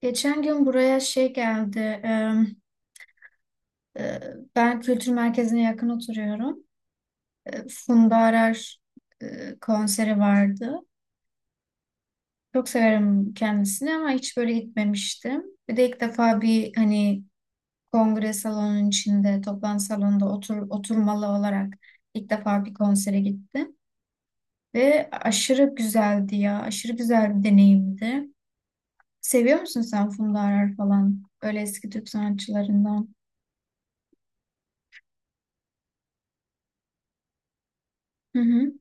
Geçen gün buraya şey geldi. E, Ben kültür merkezine yakın oturuyorum. Funda Arar konseri vardı. Çok severim kendisini ama hiç böyle gitmemiştim. Bir de ilk defa bir hani kongre salonunun içinde, toplantı salonunda oturmalı olarak ilk defa bir konsere gittim. Ve aşırı güzeldi ya. Aşırı güzel bir deneyimdi. Seviyor musun sen Funda Arar falan? Öyle eski Türk sanatçılarından. Hı hı.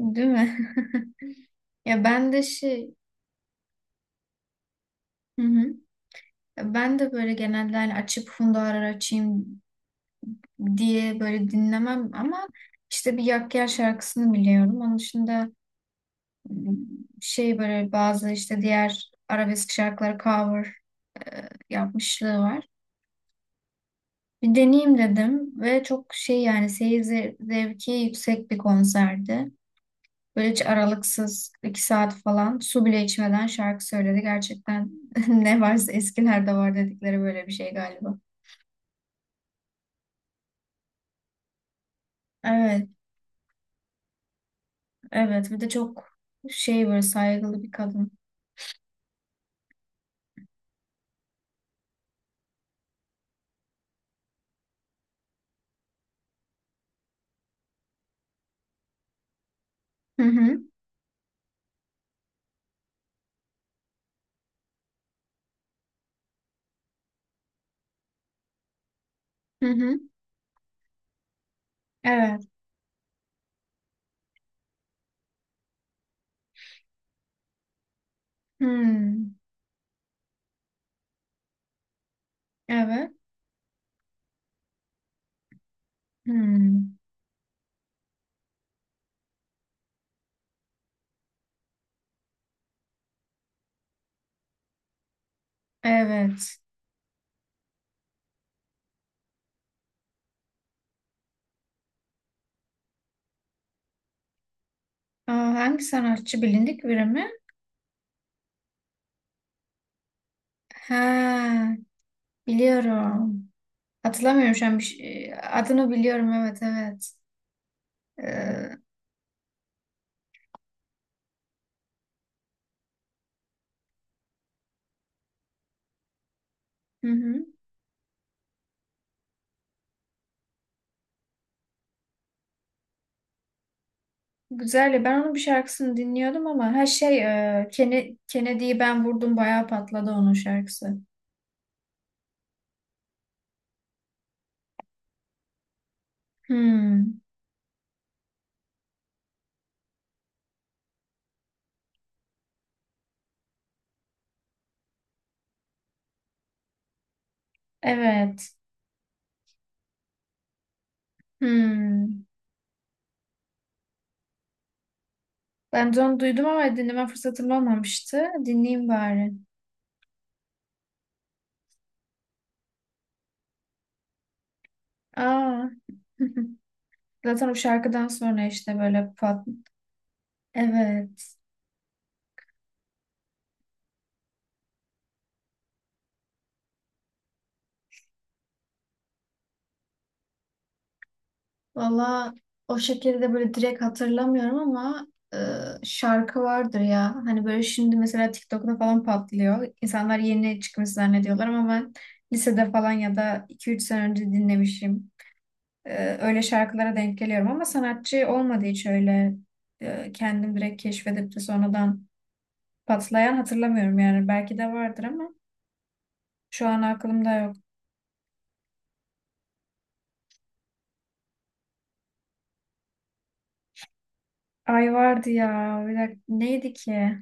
Değil mi? Ya ben de şey, hı hı. Ya ben de böyle genelde hani açıp Funda Arar açayım diye böyle dinlemem ama işte bir Yak Gel şarkısını biliyorum. Onun dışında m, şey böyle bazı işte diğer arabesk şarkıları cover yapmışlığı var. Bir deneyeyim dedim ve çok şey yani seyir zevki yüksek bir konserdi. Böyle hiç aralıksız iki saat falan su bile içmeden şarkı söyledi. Gerçekten ne varsa eskilerde var dedikleri böyle bir şey galiba. Evet, evet. Bir de çok şey böyle saygılı bir kadın. Hı hı, hı hı. Evet. Hmm, evet. Hmm, evet. Aa, hangi sanatçı bilindik biri mi? Ha, biliyorum. Hatırlamıyorum şu an adını biliyorum, evet, evet. Ee, hı hı. Güzel ya, ben onun bir şarkısını dinliyordum ama her şey Kennedy'yi ben vurdum bayağı patladı onun şarkısı. Hmm, evet. Hmm. Ben de onu duydum ama dinleme fırsatım olmamıştı. Dinleyeyim bari. Aa. Zaten o şarkıdan sonra işte böyle pat. Evet. Valla o şekilde böyle direkt hatırlamıyorum ama e, şarkı vardır ya. Hani böyle şimdi mesela TikTok'ta falan patlıyor. İnsanlar yeni çıkmış zannediyorlar ama ben lisede falan ya da iki üç sene önce dinlemişim. E, öyle şarkılara denk geliyorum ama sanatçı olmadı hiç öyle, kendim direkt keşfedip de sonradan patlayan hatırlamıyorum yani. Belki de vardır ama şu an aklımda yok. Ay, vardı ya. Bir dakika, neydi ki?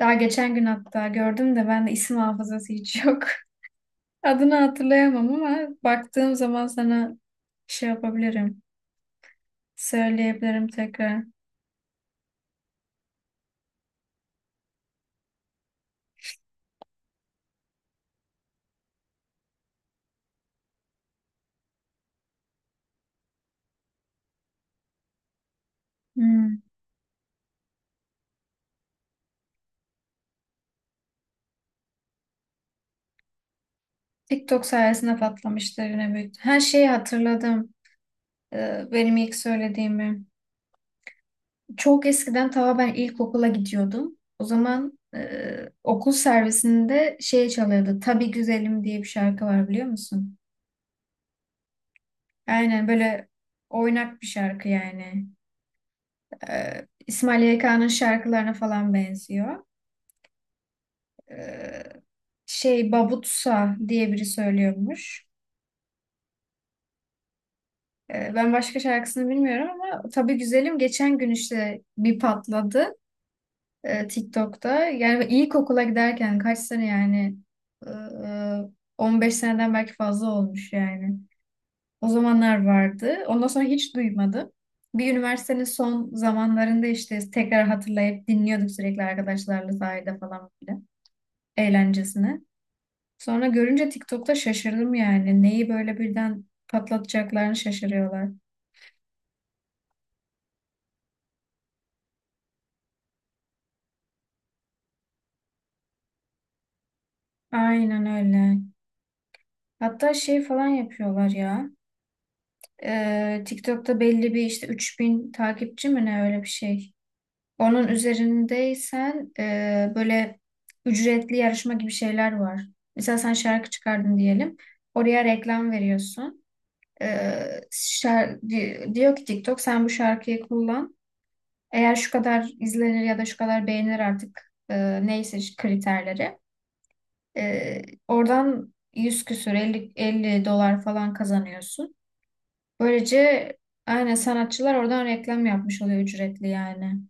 Daha geçen gün hatta gördüm de, ben de isim hafızası hiç yok. Adını hatırlayamam ama baktığım zaman sana şey yapabilirim. Söyleyebilirim tekrar. Hmm. TikTok sayesinde patlamıştır yine büyük. Her şeyi hatırladım. Benim ilk söylediğimi. Çok eskiden ta ben ilkokula gidiyordum. O zaman okul servisinde şey çalıyordu. Tabii Güzelim diye bir şarkı var, biliyor musun? Aynen böyle oynak bir şarkı yani. İsmail YK'nın şarkılarına falan benziyor. Ee, şey Babutsa diye biri söylüyormuş. Ben başka şarkısını bilmiyorum ama Tabii Güzelim geçen gün işte bir patladı TikTok'ta. Yani ilkokula giderken kaç sene yani. Ee, 15 seneden belki fazla olmuş yani. O zamanlar vardı. Ondan sonra hiç duymadım. Bir üniversitenin son zamanlarında işte tekrar hatırlayıp dinliyorduk sürekli arkadaşlarla sahilde falan, eğlencesine. Sonra görünce TikTok'ta şaşırdım yani. Neyi böyle birden patlatacaklarını şaşırıyorlar. Aynen öyle. Hatta şey falan yapıyorlar ya. TikTok'ta belli bir işte 3000 takipçi mi ne, öyle bir şey. Onun üzerindeysen böyle ücretli yarışma gibi şeyler var. Mesela sen şarkı çıkardın diyelim. Oraya reklam veriyorsun. Diyor ki TikTok, sen bu şarkıyı kullan. Eğer şu kadar izlenir ya da şu kadar beğenir artık, neyse kriterleri. E, Oradan 100 küsür, elli, 50 dolar falan kazanıyorsun. Böylece aynen sanatçılar oradan reklam yapmış oluyor ücretli yani.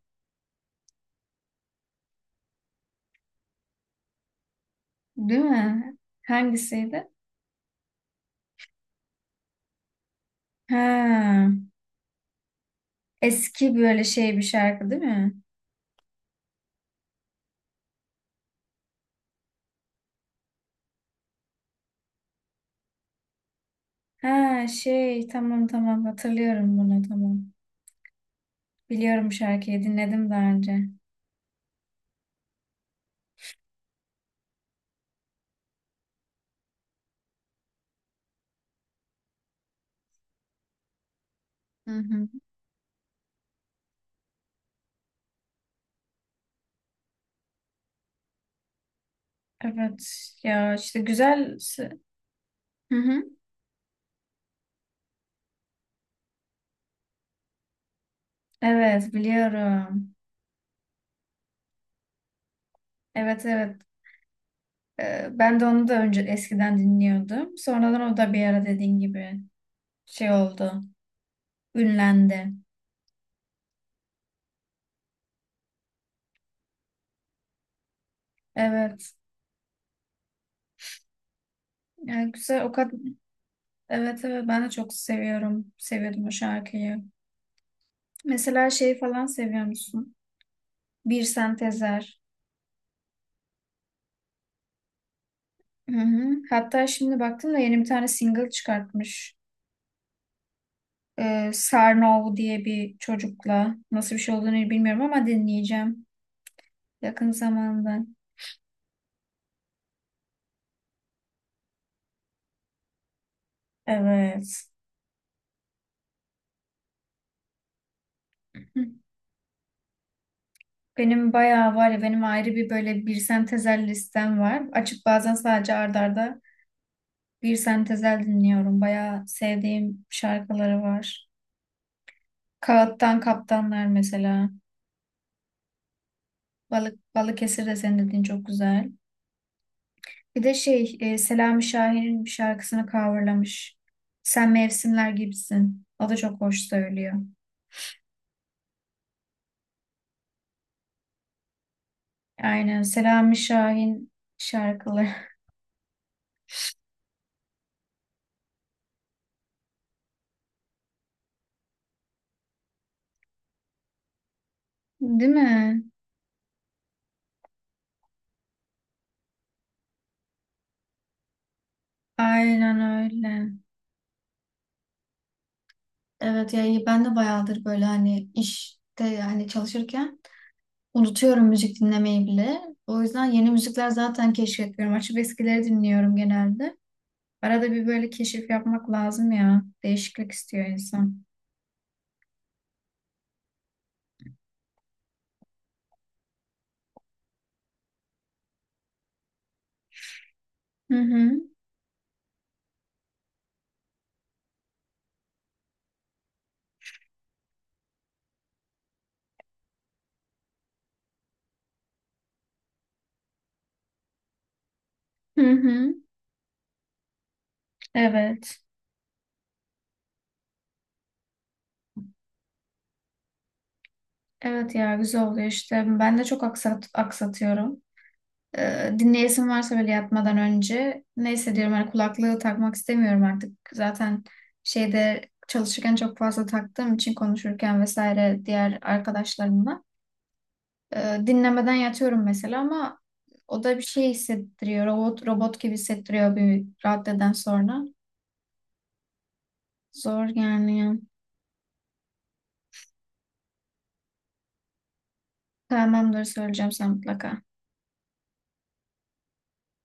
Değil mi? Hangisiydi? Ha, eski böyle şey bir şarkı değil mi? Ha şey, tamam tamam, hatırlıyorum bunu, tamam. Biliyorum şarkıyı, dinledim daha önce. Hı hı. Evet ya, işte güzel. Hı hı. Evet biliyorum. Evet, evet. Ben de onu da önce eskiden dinliyordum. Sonradan o da bir ara dediğin gibi şey oldu. Ünlendi. Evet. Yani güzel o kadar. Evet, evet, ben de çok seviyorum. Seviyordum o şarkıyı. Mesela şeyi falan seviyor musun? Bir Sentezer. Hı hı. Hatta şimdi baktım da yeni bir tane single çıkartmış. Sarnov diye bir çocukla. Nasıl bir şey olduğunu bilmiyorum ama dinleyeceğim. Yakın zamanda. Evet. Benim bayağı var ya, benim ayrı bir böyle bir sentezel listem var. Açıp bazen sadece art arda bir sentezel dinliyorum. Bayağı sevdiğim şarkıları var. Kağıttan Kaptanlar mesela. Balık Balıkesir de senin dediğin çok güzel. Bir de şey, Selami Şahin'in bir şarkısını coverlamış. Sen Mevsimler Gibisin. O da çok hoş söylüyor. Aynen Selami Şahin şarkıları. Değil mi? Aynen öyle. Evet yani, ben de bayağıdır böyle hani işte yani çalışırken unutuyorum müzik dinlemeyi bile. O yüzden yeni müzikler zaten keşfetmiyorum. Açıp eskileri dinliyorum genelde. Arada bir böyle keşif yapmak lazım ya. Değişiklik istiyor insan. Hı hı. Hı hı. Evet. Evet ya, güzel oluyor işte. Ben de çok aksatıyorum. Dinleyesim varsa böyle yatmadan önce, neyse diyorum, hani kulaklığı takmak istemiyorum artık. Zaten şeyde çalışırken çok fazla taktığım için, konuşurken vesaire diğer arkadaşlarımla. Dinlemeden yatıyorum mesela ama o da bir şey hissettiriyor. Robot robot gibi hissettiriyor bir raddeden sonra. Zor yani. Tamamdır, söyleyeceğim sen mutlaka.